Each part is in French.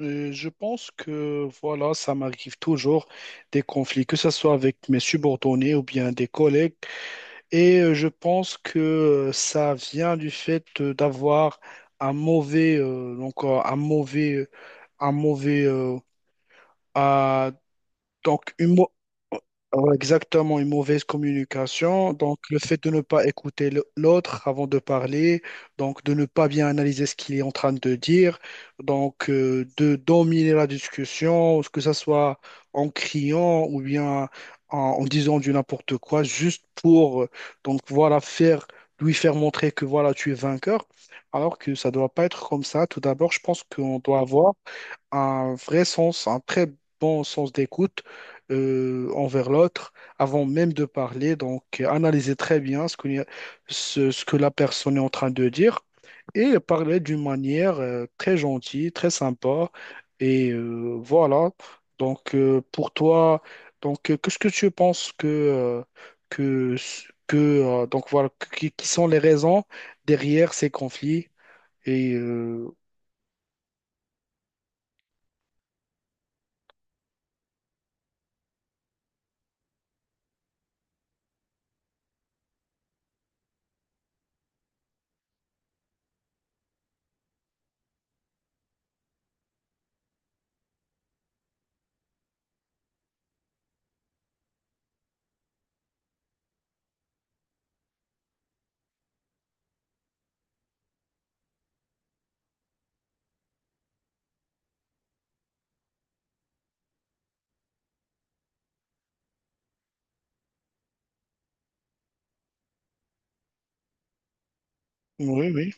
Je pense que voilà, ça m'arrive toujours des conflits, que ce soit avec mes subordonnés ou bien des collègues. Et je pense que ça vient du fait d'avoir un mauvais, donc un mauvais, ah, donc ouais, exactement, une mauvaise communication. Donc, le fait de ne pas écouter l'autre avant de parler, donc de ne pas bien analyser ce qu'il est en train de dire, donc de dominer la discussion, que ce soit en criant ou bien en disant du n'importe quoi, juste pour donc voilà faire lui faire montrer que voilà tu es vainqueur, alors que ça doit pas être comme ça. Tout d'abord, je pense qu'on doit avoir un vrai sens, un très bon sens d'écoute envers l'autre avant même de parler. Donc, analyser très bien ce qu'on y a- ce que la personne est en train de dire et parler d'une manière très gentille, très sympa. Et voilà. Donc, pour toi, donc, qu'est-ce que tu penses que, que, que donc voilà, qui sont les raisons derrière ces conflits? Et oui, oui,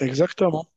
exactement.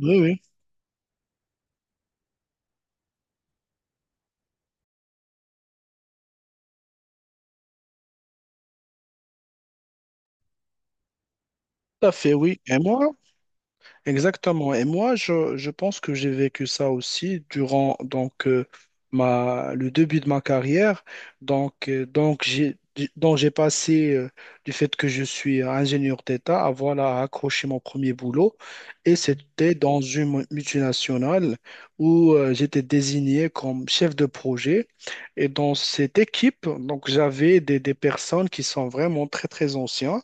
Oui, oui. Tout à fait, oui. Et moi, exactement. Et moi, je pense que j'ai vécu ça aussi durant donc ma le début de ma carrière. Donc euh, donc j'ai donc j'ai passé du fait que je suis ingénieur d'État à voilà à accrocher mon premier boulot et c'était dans une multinationale où j'étais désigné comme chef de projet. Et dans cette équipe, donc j'avais des personnes qui sont vraiment très anciens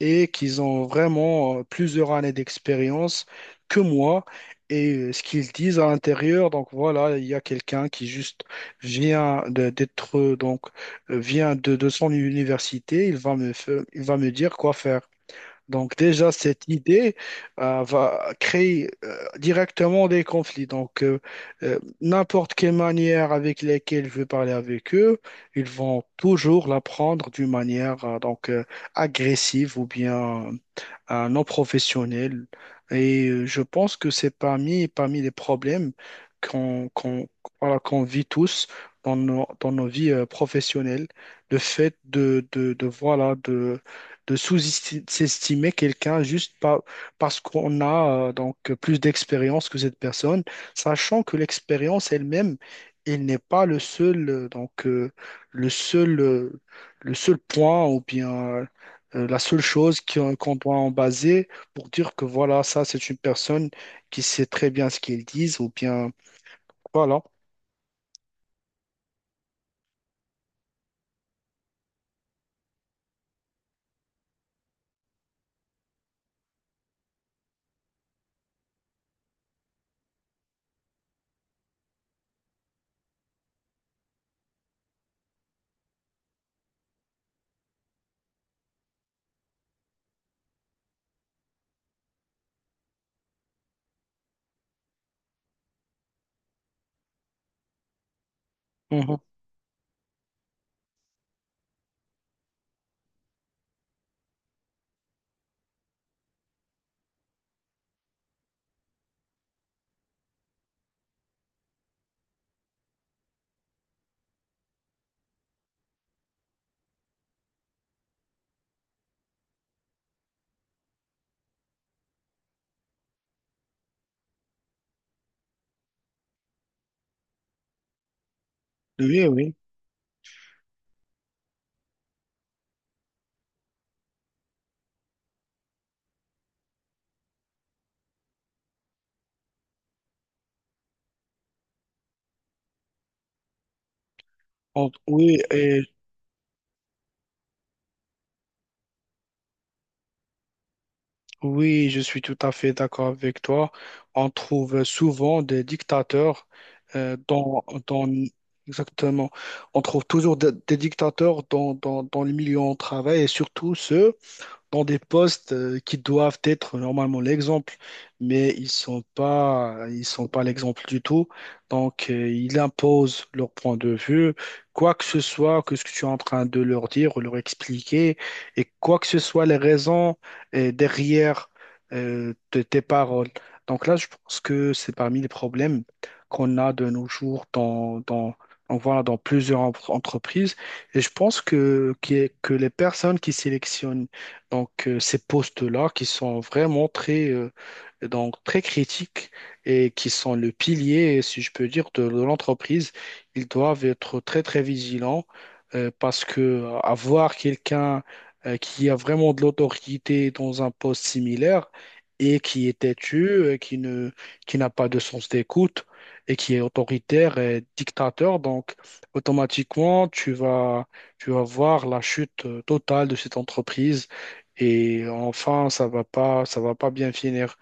et qu'ils ont vraiment plusieurs années d'expérience que moi. Et ce qu'ils disent à l'intérieur, donc voilà, il y a quelqu'un qui juste d'être, vient de son université, il va me, il va me dire quoi faire. Donc déjà, cette idée va créer directement des conflits. Donc n'importe quelle manière avec laquelle je vais parler avec eux, ils vont toujours la prendre d'une manière agressive ou bien non professionnelle. Et je pense que c'est parmi les problèmes qu'on voilà, qu'on vit tous dans nos vies professionnelles, le fait de, voilà, de sous-estimer quelqu'un parce qu'on a donc plus d'expérience que cette personne, sachant que l'expérience elle-même, elle n'est pas le seul le seul euh, le seul point ou bien la seule chose qu'on doit en baser pour dire que voilà, ça c'est une personne qui sait très bien ce qu'elle dit ou bien voilà. Mhm. Oui, oui. Oui, et oui, je suis tout à fait d'accord avec toi. On trouve souvent des dictateurs euh, dans, dans- exactement. On trouve toujours des dictateurs dans le milieu où on travaille et surtout ceux dans des postes qui doivent être normalement l'exemple, mais ils sont pas l'exemple du tout. Donc, ils imposent leur point de vue, quoi que ce soit que ce que tu es en train de leur dire ou leur expliquer, et quoi que ce soit les raisons derrière de tes paroles. Donc là, je pense que c'est parmi les problèmes qu'on a de nos jours on voit dans plusieurs entreprises. Et je pense que les personnes qui sélectionnent donc, ces postes-là qui sont vraiment très critiques et qui sont le pilier, si je peux dire, de l'entreprise, ils doivent être très vigilants parce que avoir quelqu'un qui a vraiment de l'autorité dans un poste similaire et qui est têtu, qui n'a pas de sens d'écoute et qui est autoritaire et dictateur, donc automatiquement, tu vas voir la chute totale de cette entreprise et enfin, ça va pas bien finir.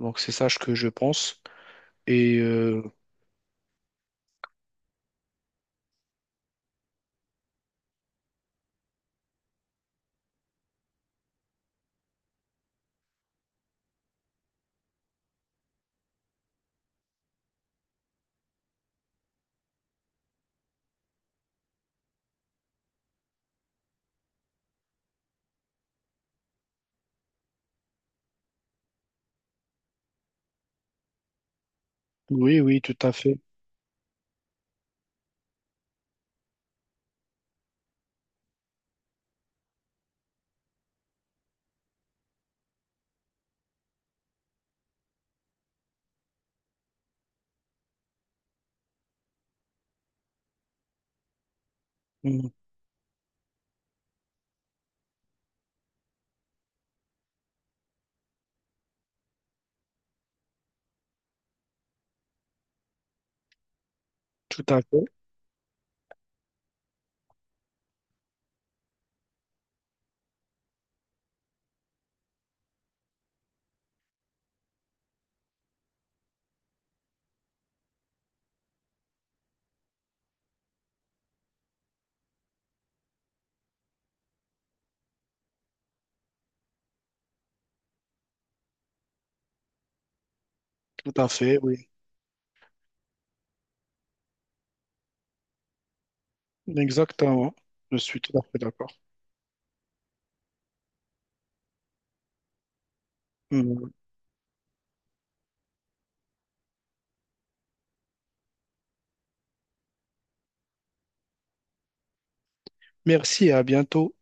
Donc c'est ça ce que je pense. Et oui, oui, tout à fait. Mm. Tout à fait, tout à fait, oui. Exactement. Je suis tout à fait d'accord. Mm. Merci, à bientôt.